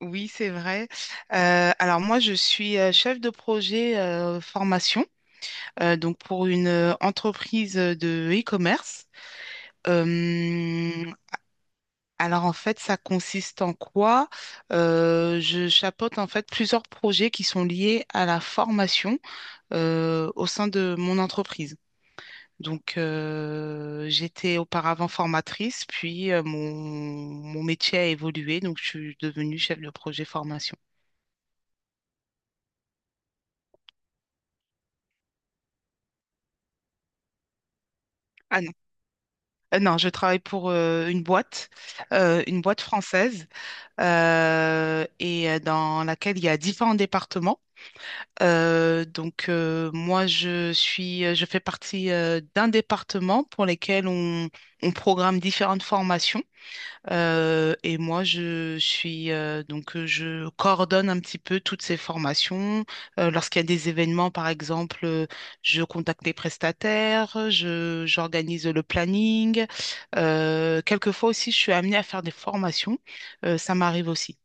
Oui, c'est vrai. Alors moi, je suis chef de projet formation, donc pour une entreprise de e-commerce. Euh, alors en fait, ça consiste en quoi? Je chapeaute en fait plusieurs projets qui sont liés à la formation au sein de mon entreprise. Donc j'étais auparavant formatrice, puis mon métier a évolué, donc je suis devenue chef de projet formation. Non, je travaille pour une boîte française, et dans laquelle il y a différents départements. Donc moi, je fais partie d'un département pour lequel on programme différentes formations. Et moi, je suis je coordonne un petit peu toutes ces formations. Lorsqu'il y a des événements, par exemple, je contacte les prestataires, je j'organise le planning. Quelquefois aussi, je suis amenée à faire des formations. Ça m'arrive aussi.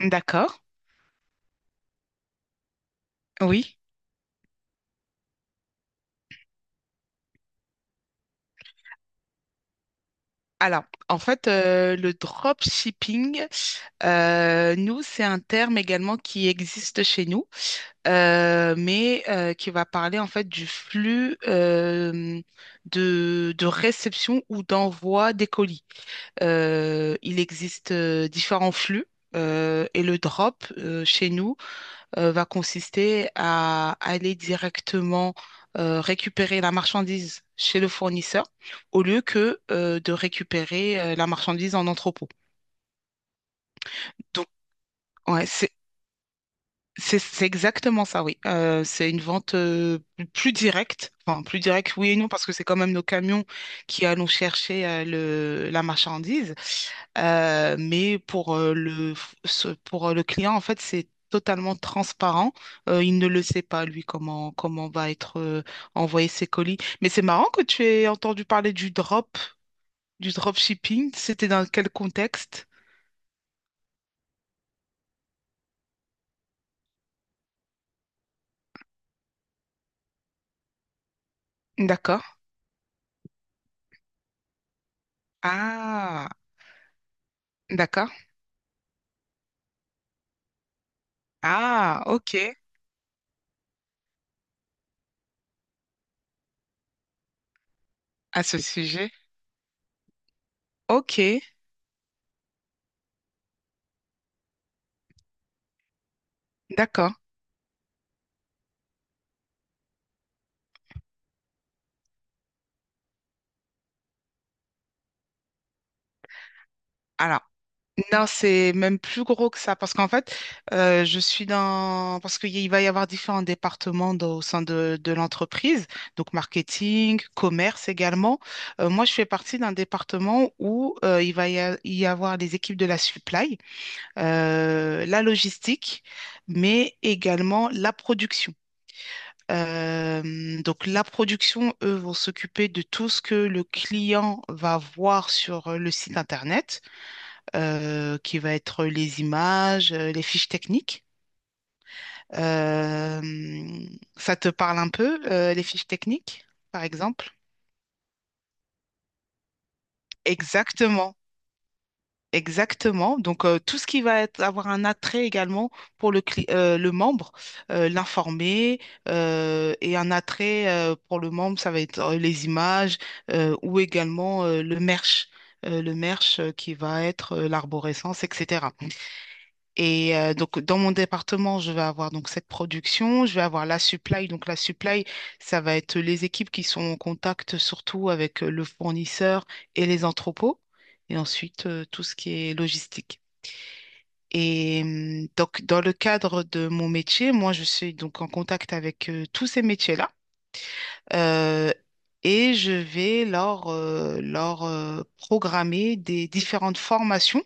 D'accord. Oui. Alors, en fait, le dropshipping, nous, c'est un terme également qui existe chez nous. Mais qui va parler en fait du flux de réception ou d'envoi des colis. Il existe différents flux. Et le drop chez nous va consister à aller directement récupérer la marchandise chez le fournisseur au lieu que de récupérer la marchandise en entrepôt. Donc, ouais, c'est exactement ça, oui. C'est une vente plus directe. Enfin, plus directe, oui et non, parce que c'est quand même nos camions qui allons chercher la marchandise. Mais pour le client, en fait, c'est totalement transparent. Il ne le sait pas, lui, comment va être envoyé ses colis. Mais c'est marrant que tu aies entendu parler du drop shipping. C'était dans quel contexte? D'accord. Ah, d'accord. Ah, ok. À ce sujet. Ok, d'accord. Alors, non, c'est même plus gros que ça parce qu'en fait, je suis dans... Parce qu'il va y avoir différents départements au sein de l'entreprise, donc marketing, commerce également. Moi, je fais partie d'un département où il va y avoir les équipes de la supply, la logistique, mais également la production. Donc la production, eux, vont s'occuper de tout ce que le client va voir sur le site internet, qui va être les images, les fiches techniques. Euh, Ça te parle un peu, les fiches techniques, par exemple? Exactement. Exactement. Donc, tout ce qui va être, avoir un attrait également pour le, le membre, l'informer, et un attrait pour le membre, ça va être les images ou également le merch qui va être l'arborescence, etc. Et donc, dans mon département, je vais avoir donc cette production, je vais avoir la supply. Donc, la supply, ça va être les équipes qui sont en contact surtout avec le fournisseur et les entrepôts. Et ensuite, tout ce qui est logistique. Et donc, dans le cadre de mon métier, moi, je suis donc en contact avec tous ces métiers-là. Euh, et je vais leur programmer des différentes formations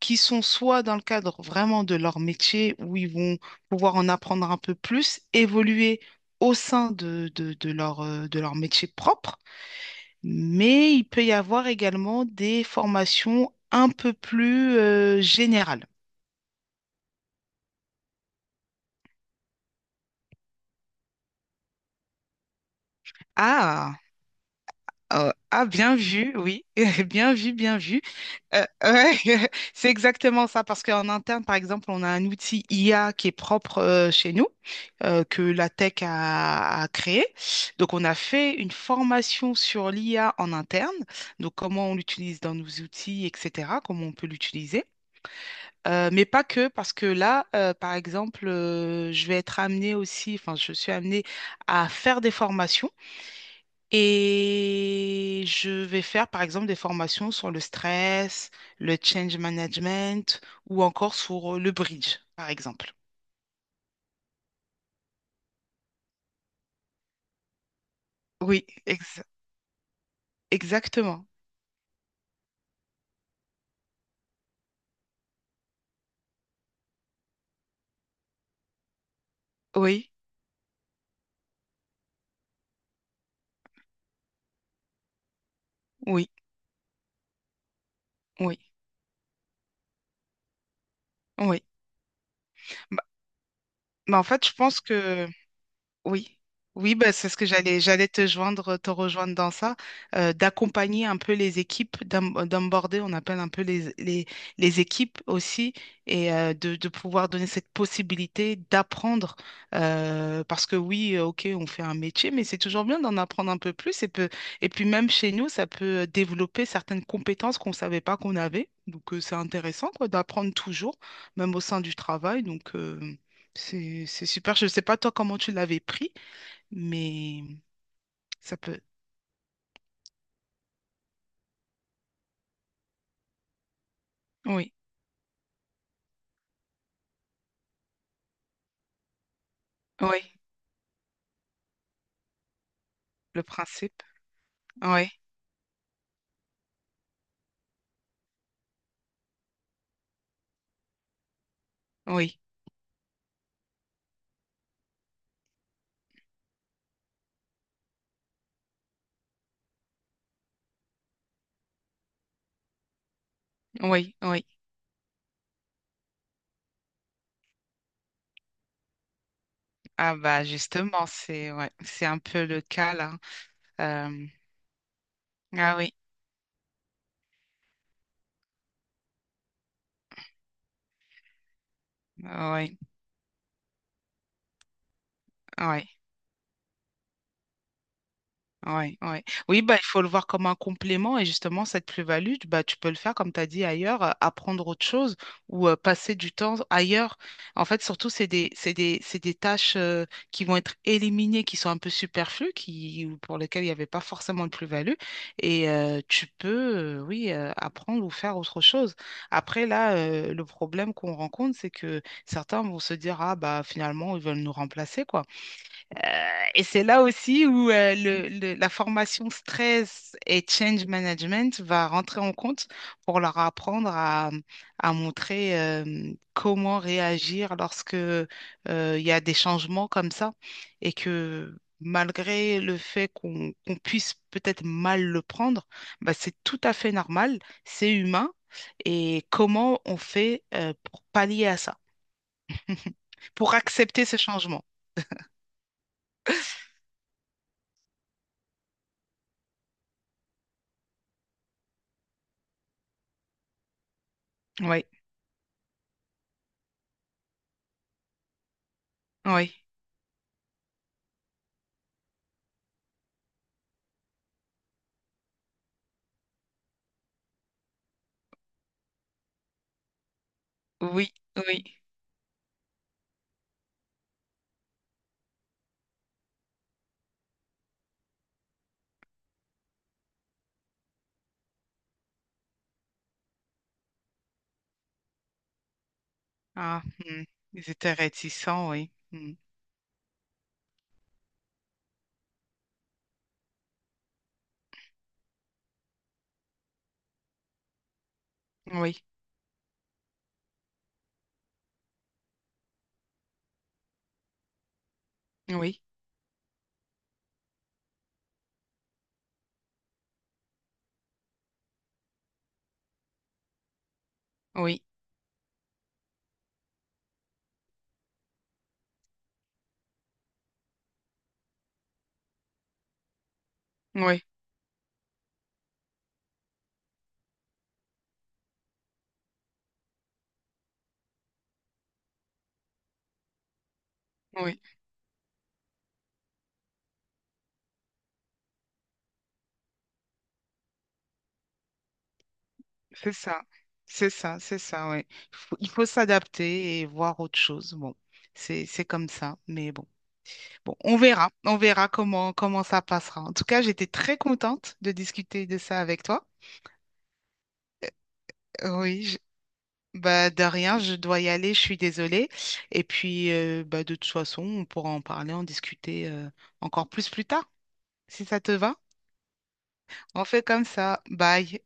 qui sont soit dans le cadre vraiment de leur métier, où ils vont pouvoir en apprendre un peu plus, évoluer au sein de leur, de leur métier propre, mais il peut y avoir également des formations un peu plus générales. Ah! Ah, bien vu, oui, bien vu, bien vu. Ouais, c'est exactement ça, parce qu'en interne, par exemple, on a un outil IA qui est propre chez nous, que la tech a créé. Donc, on a fait une formation sur l'IA en interne, donc comment on l'utilise dans nos outils, etc., comment on peut l'utiliser. Mais pas que, parce que là, par exemple, je vais être amenée aussi, enfin, je suis amenée à faire des formations et je vais faire par exemple des formations sur le stress, le change management ou encore sur le bridge, par exemple. Oui, exactement. Oui, oui, oui, oui. Bah, bah, en fait, je pense que oui, oui, bah, c'est ce que j'allais te joindre, te rejoindre dans ça, d'accompagner un peu les équipes, d'onboarder, on appelle un peu les équipes aussi, et de pouvoir donner cette possibilité d'apprendre, parce que oui, ok, on fait un métier, mais c'est toujours bien d'en apprendre un peu plus, et et puis même chez nous, ça peut développer certaines compétences qu'on ne savait pas qu'on avait, donc c'est intéressant quoi, d'apprendre toujours, même au sein du travail, donc... c'est super. Je ne sais pas toi comment tu l'avais pris, mais ça peut. Oui, oui, le principe. Oui, oui, oui, oui. Ah bah justement, c'est ouais, c'est un peu le cas là. Euh, ah oui, oui, oui. Ouais, ouais. Oui, bah, il faut le voir comme un complément et justement, cette plus-value, bah, tu peux le faire, comme tu as dit ailleurs, apprendre autre chose ou passer du temps ailleurs. En fait, surtout, c'est des tâches qui vont être éliminées, qui sont un peu superflues, qui, ou pour lesquelles il n'y avait pas forcément de plus-value. Et tu peux, oui, apprendre ou faire autre chose. Après, là, le problème qu'on rencontre, c'est que certains vont se dire, ah, bah, finalement, ils veulent nous remplacer, quoi. Euh, et c'est là aussi où la formation stress et change management va rentrer en compte pour leur apprendre à montrer comment réagir lorsque il y a des changements comme ça et que malgré le fait qu'on puisse peut-être mal le prendre, bah, c'est tout à fait normal, c'est humain et comment on fait pour pallier à ça, pour accepter ce changement. Oui, oui. Oui, oui. Ah, hmm. Ils étaient réticents, oui. Hmm. Oui, oui, oui, oui, oui. C'est ça. C'est ça, c'est ça, oui. Il faut s'adapter et voir autre chose. Bon, c'est comme ça, mais bon. Bon, on verra. On verra comment ça passera. En tout cas, j'étais très contente de discuter de ça avec toi. Oui, bah de rien, je dois y aller, je suis désolée. Et puis bah de toute façon, on pourra en parler, en discuter encore plus tard, si ça te va. On fait comme ça. Bye.